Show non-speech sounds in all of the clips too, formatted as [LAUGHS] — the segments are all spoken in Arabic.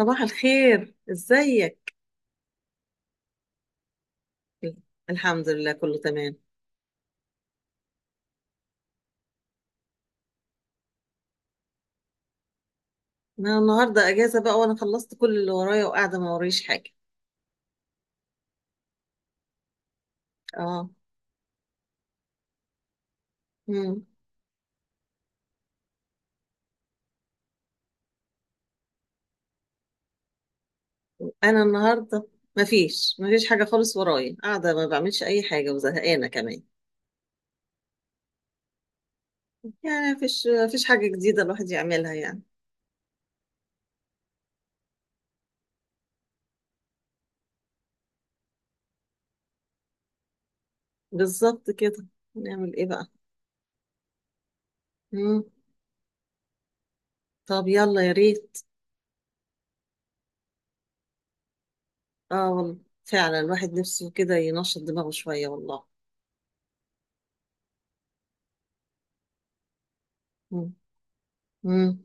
صباح الخير، ازيك؟ الحمد لله، كله تمام. انا النهارده اجازه بقى، وانا خلصت كل اللي ورايا وقاعده ما وريش حاجه. اه. مم. انا النهارده مفيش حاجه خالص ورايا، قاعده ما بعملش اي حاجه وزهقانه كمان. يعني مفيش حاجه جديده الواحد يعملها يعني. بالظبط كده. نعمل ايه بقى؟ مم. طب يلا، يا ريت. اه والله، فعلا الواحد نفسه كده ينشط دماغه شويه والله. مم. مم.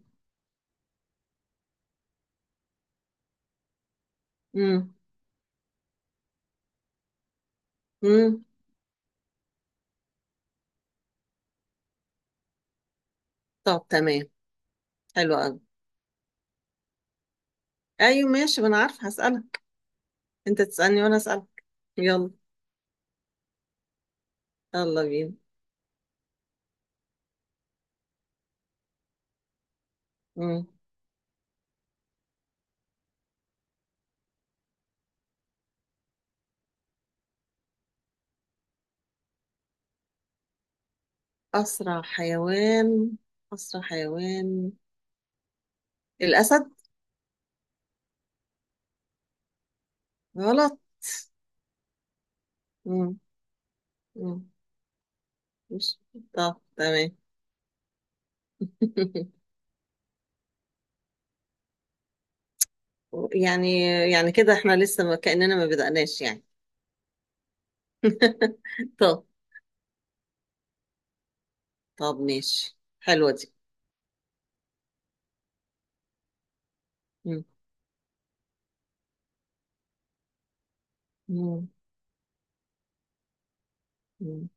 مم. مم. طب تمام. حلو قوي. ايوه ماشي، ما انا عارفه هسألك. انت تسألني وانا أسألك. يلا. يلا بينا. مم. اسرع حيوان اسرع حيوان الاسد. غلط. مم. مم. مش. طب تمام. [LAUGHS] يعني يعني كده احنا لسه ما كأننا ما بدأناش يعني. [LAUGHS] طب. طب ماشي، حلوة دي. مم. مم. مم.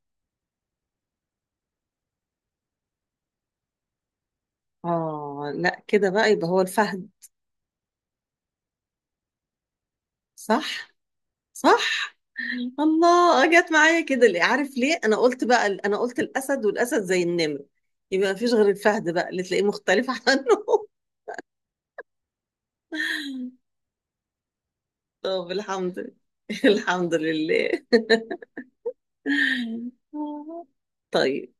اه لا كده بقى، يبقى هو الفهد. صح. صح. الله، جت معايا كده ليه؟ عارف ليه؟ انا قلت الاسد والاسد زي النمر. يبقى ما فيش غير الفهد بقى اللي تلاقيه مختلف عنه. [LAUGHS] طب الحمد لله. [LAUGHS] الحمد لله. [LAUGHS] طيب.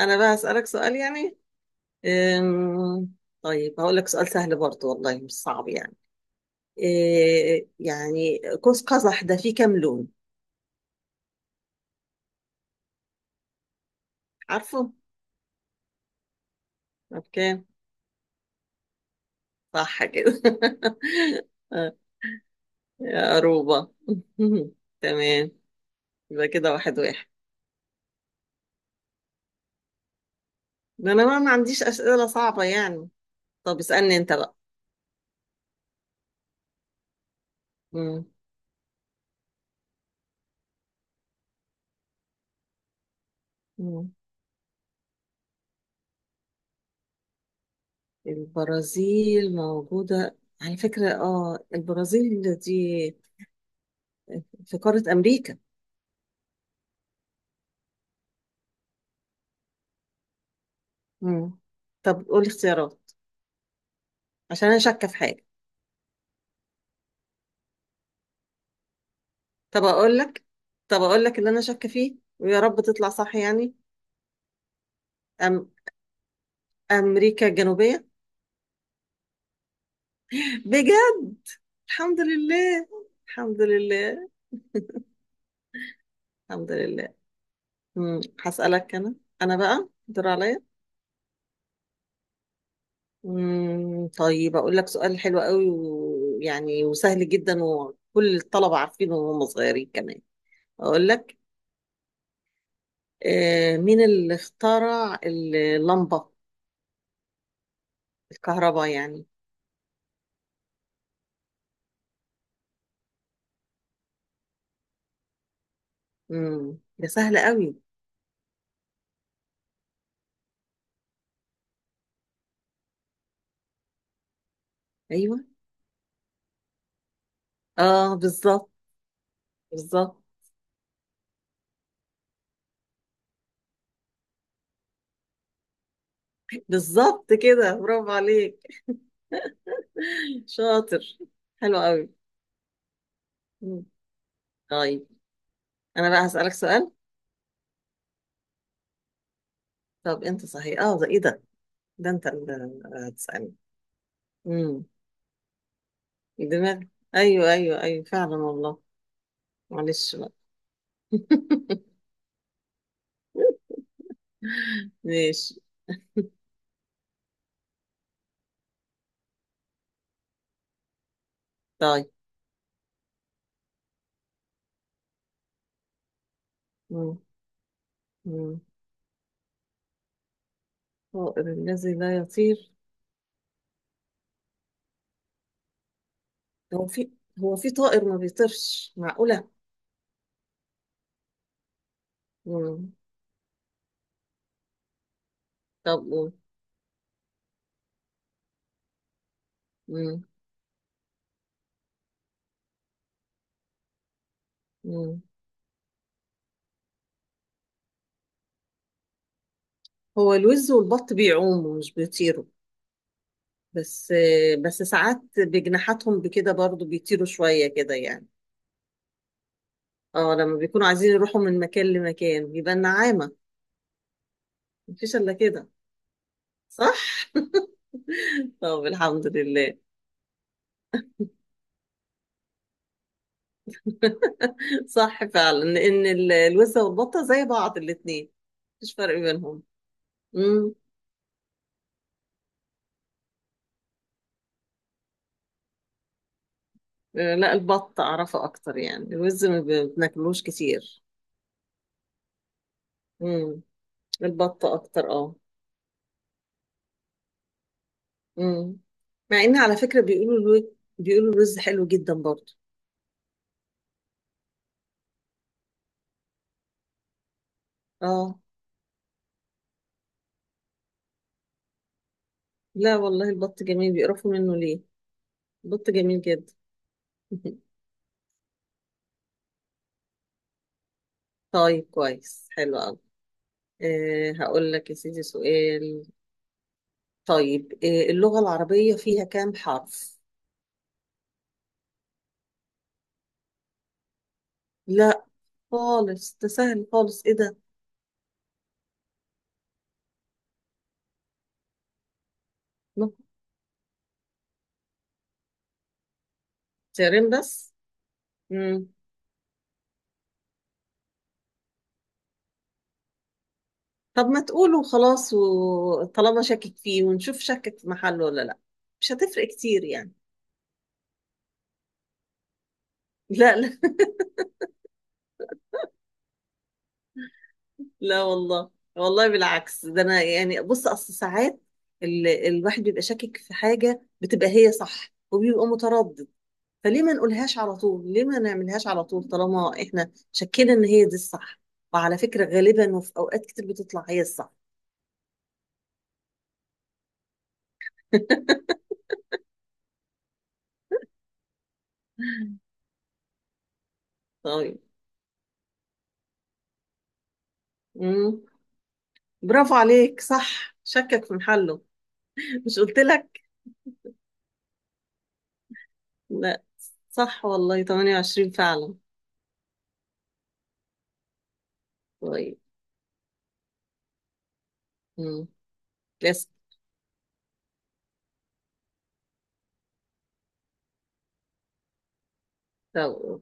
انا بقى هسألك سؤال يعني. أم، طيب هقول لك سؤال سهل برضه والله، مش صعب يعني. إيه يعني، قوس قزح ده فيه كام لون؟ عارفه؟ اوكي. صح كده. [LAUGHS] يا روبا. [LAUGHS] تمام. يبقى كده واحد واحد. ده انا بقى ما عنديش اسئله صعبه يعني. طب اسالني انت بقى. مم. مم. البرازيل موجوده على فكره، اه البرازيل دي في قاره امريكا. مم. طب قولي اختيارات، عشان انا شاكه في حاجه. طب اقول لك طب اقول لك اللي انا شاكه فيه، ويا رب تطلع صح يعني. أم... امريكا الجنوبيه. بجد؟ الحمد لله. الحمد لله. الحمد لله. مم. هسالك انا. انا بقى دور عليا. مم، طيب أقول لك سؤال حلو قوي ويعني وسهل جدا، وكل الطلبة عارفينه وهم صغيرين كمان. أقول لك. مين اللي اخترع اللمبة؟ الكهرباء يعني. مم، ده سهل قوي. أيوه. اه بالظبط. بالظبط. بالظبط كده، برافو عليك. شاطر. حلو قوي. مم. طيب. أنا بقى هسألك سؤال. طب أنت صحيح؟ اه ده إيه ده؟ ده أنت اللي هتسألني. مم، دماغ. أيوه أيوه أيوه، فعلا والله. معلش بقى. [LAUGHS] ماشي. طيب. مم. مم. طائر الذي لا يطير؟ هو في هو في طائر ما بيطيرش؟ معقولة؟ مم. طب قول. مم. مم. هو الوز والبط بيعوموا مش بيطيروا. بس بس ساعات بجناحاتهم بكده برضو بيطيروا شوية كده يعني. اه لما بيكونوا عايزين يروحوا من مكان لمكان، بيبقى النعامة. مفيش إلا كده. صح؟ [LAUGHS] طب الحمد لله. صح فعلا ان الوزة والبطة زي بعض الاتنين. مفيش فرق بينهم. امم. لا البط اعرفه اكتر يعني، الوز ما ب- بناكلوش كتير. امم. البط اكتر، اه. امم. مع ان على فكرة بيقولوا الوز حلو جدا برضه. اه. لا والله، البط جميل، بيقرفوا منه ليه؟ البط جميل جدا. [LAUGHS] طيب كويس، حلو قوي. هقول لك يا سيدي سؤال. طيب، اللغة العربية فيها كام حرف؟ لا خالص، ده سهل خالص، ايه ده. نقط. تيارين بس. مم. طب ما تقولوا خلاص، وطالما شاكك فيه ونشوف شاكك في محله ولا لا. مش هتفرق كتير يعني. لا لا. [LAUGHS] لا والله. والله بالعكس، ده انا يعني بص اصل ساعات الواحد بيبقى شاكك في حاجة بتبقى هي صح وبيبقى متردد. فليه ما نقولهاش على طول، ليه ما نعملهاش على طول طالما احنا شكينا ان هي دي الصح. وعلى فكرة غالبا وفي اوقات كتير بتطلع هي الصح. [LAUGHS] طيب. مم. برافو عليك، صح، شكك في محله. مش قلت لك؟ لا. صح والله، 28 فعلا. طيب. مم. لسه. طب.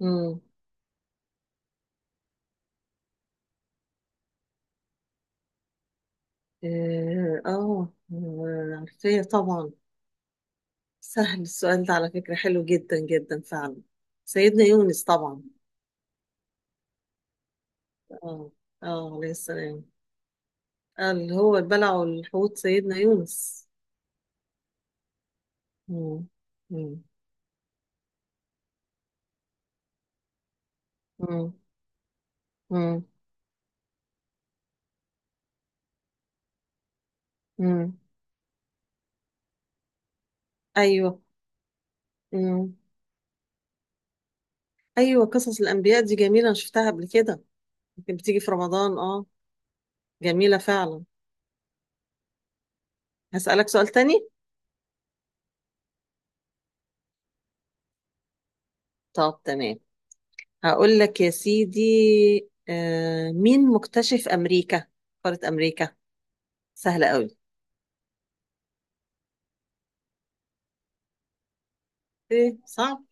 مم. اه، عارفاه طبعا. سهل السؤال ده، على فكرة حلو جدا جدا فعلا. سيدنا يونس طبعا. اه اه، عليه السلام. اللي هو البلع والحوت سيدنا يونس. مم. مم. مم. مم. مم. ايوه. مم. ايوه، قصص الانبياء دي جميله، انا شفتها قبل كده. يمكن بتيجي في رمضان، اه. جميله فعلا. هسالك سؤال تاني. طب تمام. هقول لك يا سيدي. مين مكتشف امريكا؟ قاره امريكا. سهله قوي. ايه صعب؟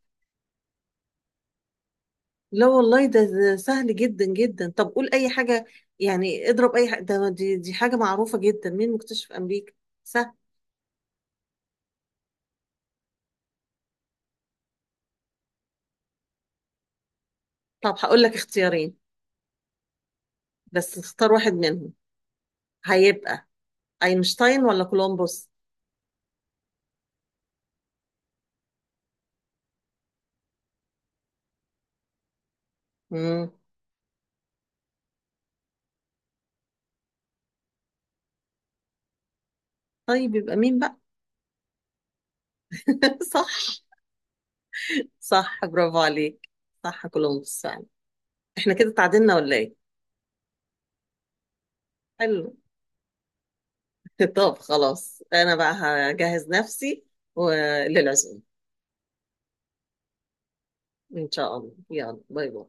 لا والله ده سهل جدا جدا، طب قول اي حاجه. يعني اضرب اي حاجه، ده دي حاجه معروفه جدا، مين مكتشف امريكا؟ سهل. طب هقول لك اختيارين، بس اختار واحد منهم. هيبقى اينشتاين ولا كولومبوس؟ امم. طيب يبقى مين بقى؟ [LAUGHS] صح. صح برافو عليك. صح، كولومبوس فعلا. احنا كده اتعادلنا ولا ايه؟ حلو. [LAUGHS] طب خلاص، انا بقى هجهز نفسي و- للعزومة. ان شاء الله، يلا باي باي.